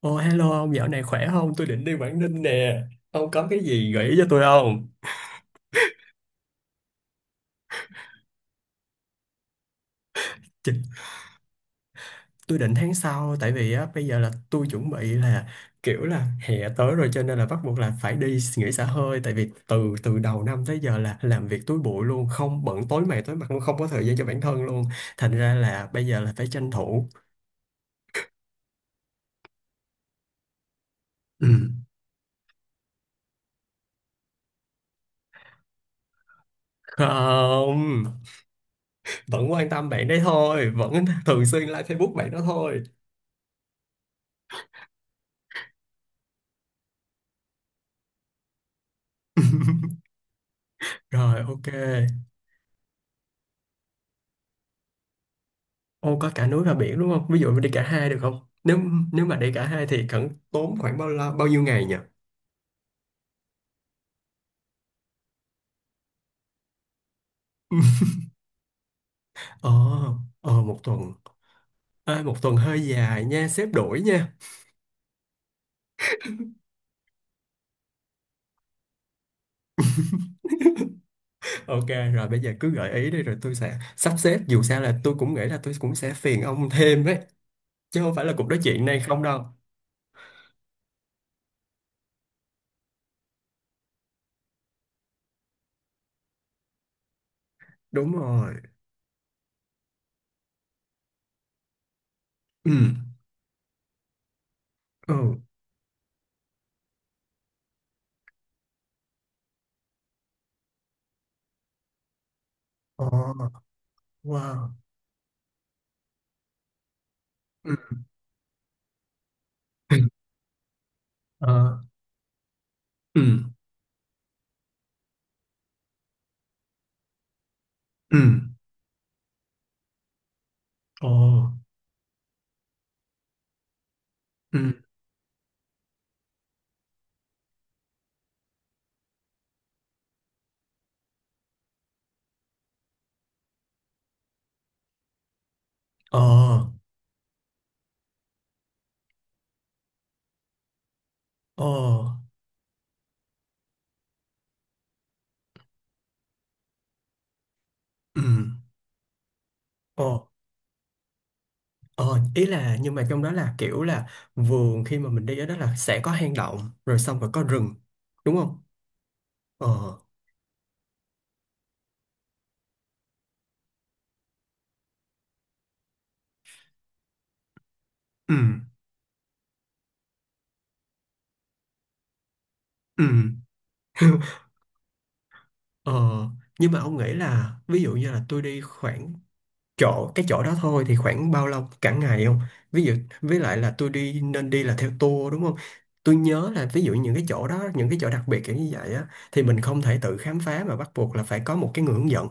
Ồ hello ông dạo này khỏe không? Tôi định đi Quảng Ninh nè. Ông có cái gì gợi ý cho tôi không? Chị- Tôi định tháng sau tại vì á bây giờ là tôi chuẩn bị là kiểu là hè tới rồi cho nên là bắt buộc là phải đi nghỉ xả hơi tại vì từ từ đầu năm tới giờ là làm việc túi bụi luôn, không bận tối mày tối mặt luôn, không có thời gian cho bản thân luôn. Thành ra là bây giờ là phải tranh thủ. Ừ. Không, vẫn quan tâm bạn đấy thôi, vẫn thường xuyên like Facebook bạn đó thôi. Rồi ok. Ô có cả núi và biển đúng không? Ví dụ mình đi cả hai được không? Nếu nếu mà đi cả hai thì cần tốn khoảng bao lâu, bao nhiêu ngày nhỉ? Ờ, ờ, một tuần. À, một tuần hơi dài nha, xếp đổi nha. Ok, rồi bây giờ cứ gợi ý đi rồi tôi sẽ sắp xếp. Dù sao là tôi cũng nghĩ là tôi cũng sẽ phiền ông thêm đấy. Chứ không phải là cuộc nói chuyện này không đâu. Đúng rồi. Ừ. Ừ. Ờ, wow. Ừ. Ờ. Ừ. Ừ. Ờ. Ừ. Ờ. Ờ. Ừ. Ờ. Ờ, ý là nhưng mà trong đó là kiểu là vườn khi mà mình đi ở đó là sẽ có hang động rồi xong rồi có rừng đúng không? Ờ, ừ, ừ. Ờ, nhưng mà ông nghĩ là ví dụ như là tôi đi khoảng chỗ đó thôi thì khoảng bao lâu cả ngày không? Ví dụ với lại là tôi đi nên đi là theo tour đúng không? Tôi nhớ là ví dụ những cái chỗ đó những cái chỗ đặc biệt kiểu như vậy á thì mình không thể tự khám phá mà bắt buộc là phải có một cái người hướng dẫn.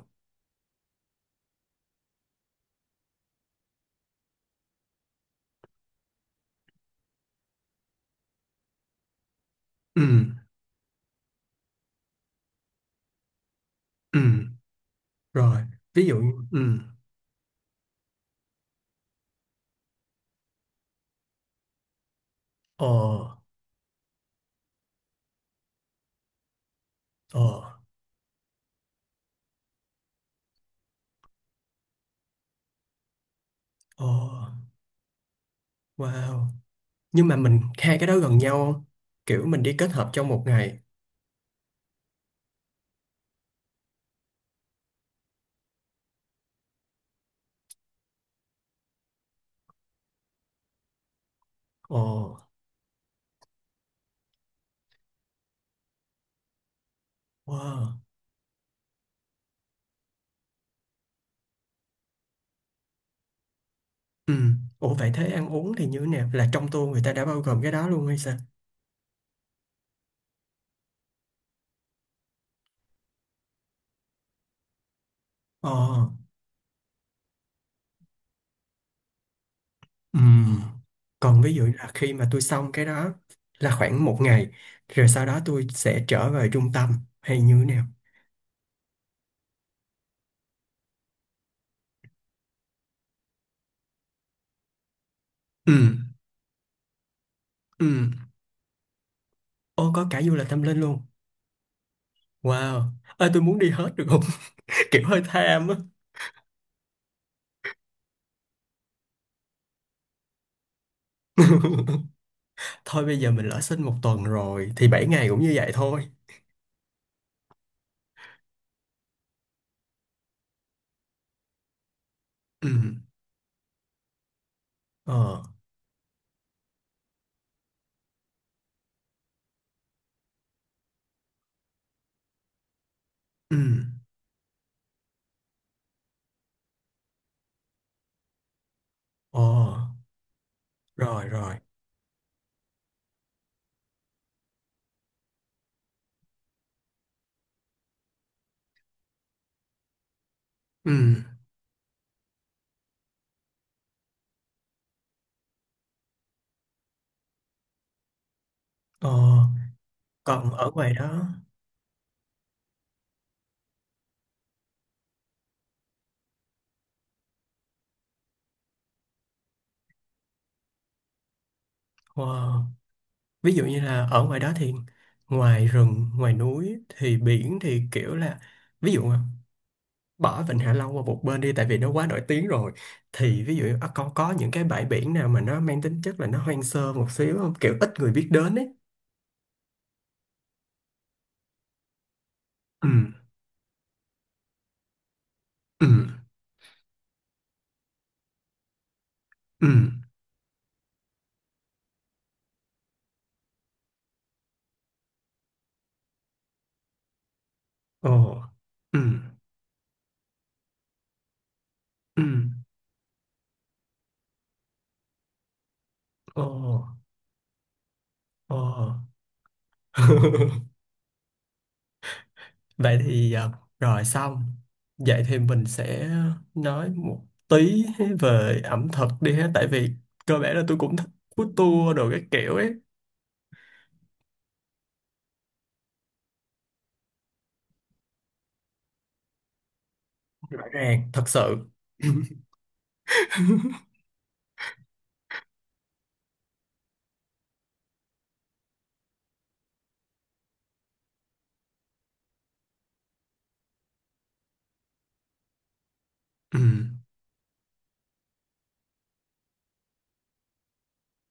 Ừ, ừ. Rồi, ví dụ như ừ. Ờ, ờ. Ồ, wow. Nhưng mà mình hai cái đó gần nhau không? Kiểu mình đi kết hợp trong một ngày. Ồ, wow. Ừ. Ủa vậy thế ăn uống thì như thế nào? Là trong tour người ta đã bao gồm cái đó luôn hay sao? Ồ, ừ. Còn ví dụ là khi mà tôi xong cái đó là khoảng một ngày, rồi sau đó tôi sẽ trở về trung tâm hay như thế nào? Ừ, ừ. Ồ, có cả du lịch tâm linh luôn. Wow. Ơi, tôi muốn đi hết được không? Kiểu hơi tham á. Thôi bây giờ mình lỡ sinh một tuần rồi thì 7 ngày cũng như vậy thôi. Ừ. Ờ. Ừ. Ờ. Rồi, rồi. Ừ. Ờ. Còn ở ngoài đó. Wow. Ví dụ như là ở ngoài đó thì ngoài rừng ngoài núi thì biển thì kiểu là, ví dụ bỏ Vịnh Hạ Long qua một bên đi tại vì nó quá nổi tiếng rồi, thì ví dụ à, con có những cái bãi biển nào mà nó mang tính chất là nó hoang sơ một xíu không, kiểu ít người biết đến ấy. Ừ. Ừ. Ừ. Ồ. Ừ. Ừ. Ồ, ồ. Vậy thì à, rồi xong. Vậy thì mình sẽ nói một tí về ẩm thực đi ha. Tại vì cơ bản là tôi cũng thích food tour đồ cái kiểu ấy. Rõ ràng, thật sự. Ừ.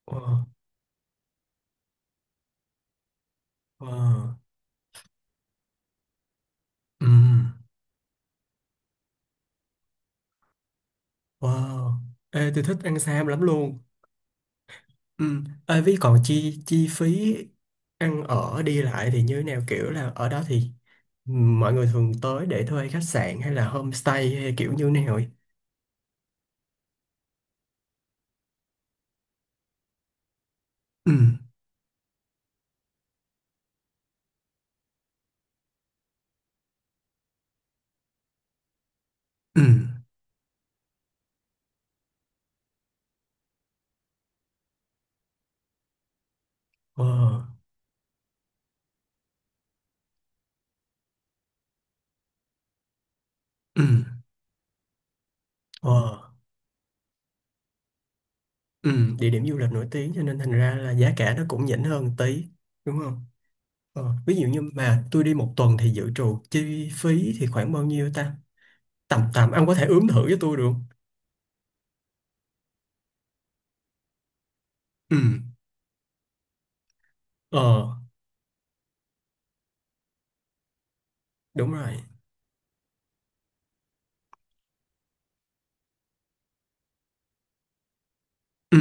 Wow. Wow. Ừ. Wow. Ê, tôi thích ăn sam lắm luôn. Ừ. Ê, Ví còn chi chi phí ăn ở đi lại thì như thế nào, kiểu là ở đó thì mọi người thường tới để thuê khách sạn hay là homestay hay kiểu như thế nào ấy. Ừ. Ừ. Ờ. Ừ. Ờ. Ừ. Địa điểm du lịch nổi tiếng cho nên thành ra là giá cả nó cũng nhỉnh hơn tí đúng không? Ờ. Ví dụ như mà tôi đi một tuần thì dự trù chi phí thì khoảng bao nhiêu ta? Tầm tầm ông có thể ướm thử cho tôi được không? Ừ. Ờ. Đúng rồi. Ừ.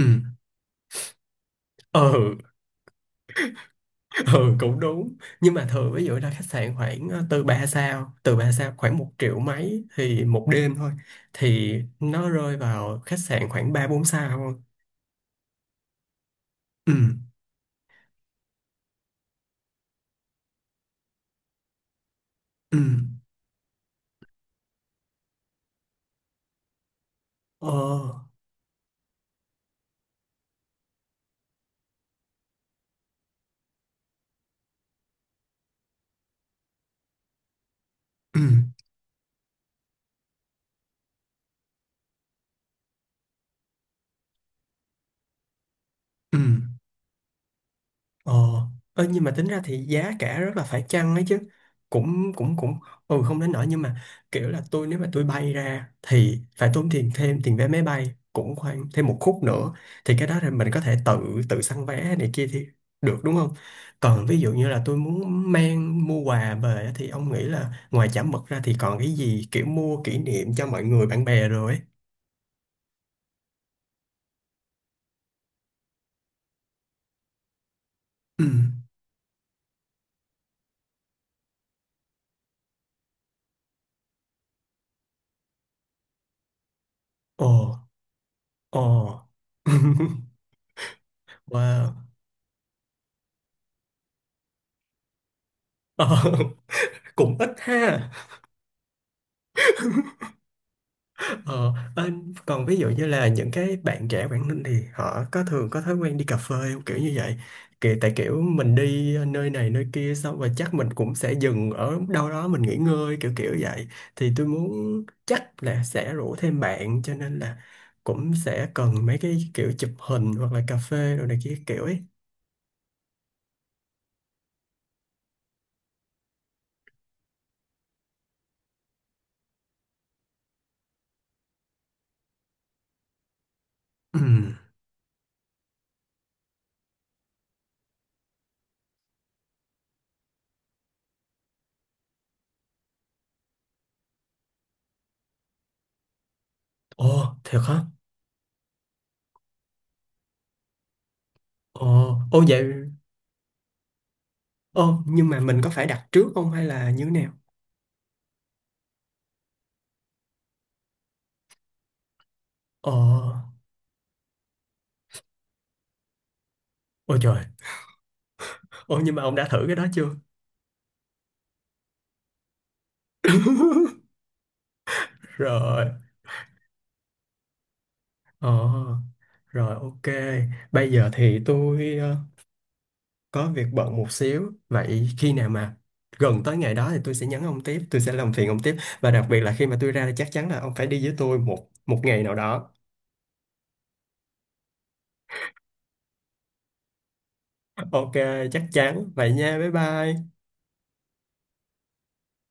Ừ. Ừ cũng đúng nhưng mà thường ví dụ ra khách sạn khoảng từ ba sao khoảng một triệu mấy thì một đêm thôi, thì nó rơi vào khách sạn khoảng ba bốn sao thôi. Ừ. Ừ. Ờ. Ừ. Ừ. Ờ, ơ, nhưng mà tính ra thì giá cả rất là phải chăng ấy chứ, cũng cũng cũng ừ không đến nỗi nhưng mà kiểu là tôi nếu mà tôi bay ra thì phải tốn tiền thêm tiền vé máy bay cũng khoảng thêm một khúc nữa, thì cái đó là mình có thể tự tự săn vé này kia thì được đúng không? Còn ví dụ như là tôi muốn mua quà về á, thì ông nghĩ là ngoài chả mực ra thì còn cái gì kiểu mua kỷ niệm cho mọi người bạn bè rồi ấy. Ừ. Ồ. Ồ. Wow. Ờ, cũng ít ha. Ờ, anh còn ví dụ như là những cái bạn trẻ Quảng Ninh thì họ có thường có thói quen đi cà phê không? Kiểu như vậy, kiểu tại kiểu mình đi nơi này nơi kia xong rồi chắc mình cũng sẽ dừng ở đâu đó mình nghỉ ngơi kiểu kiểu vậy, thì tôi muốn chắc là sẽ rủ thêm bạn cho nên là cũng sẽ cần mấy cái kiểu chụp hình hoặc là cà phê rồi này kia kiểu ấy. Ừ. Ồ thiệt hả? Ồ ô vậy. Ồ nhưng mà mình có phải đặt trước không hay là như thế nào? Ồ ôi trời. Ồ nhưng mà ông đã thử cái đó chưa? Rồi, ờ, rồi ok. Bây giờ thì tôi có việc bận một xíu. Vậy khi nào mà gần tới ngày đó thì tôi sẽ nhắn ông tiếp, tôi sẽ làm phiền ông tiếp. Và đặc biệt là khi mà tôi ra thì chắc chắn là ông phải đi với tôi một một ngày nào đó. Ok, chắc chắn. Vậy nha, bye bye.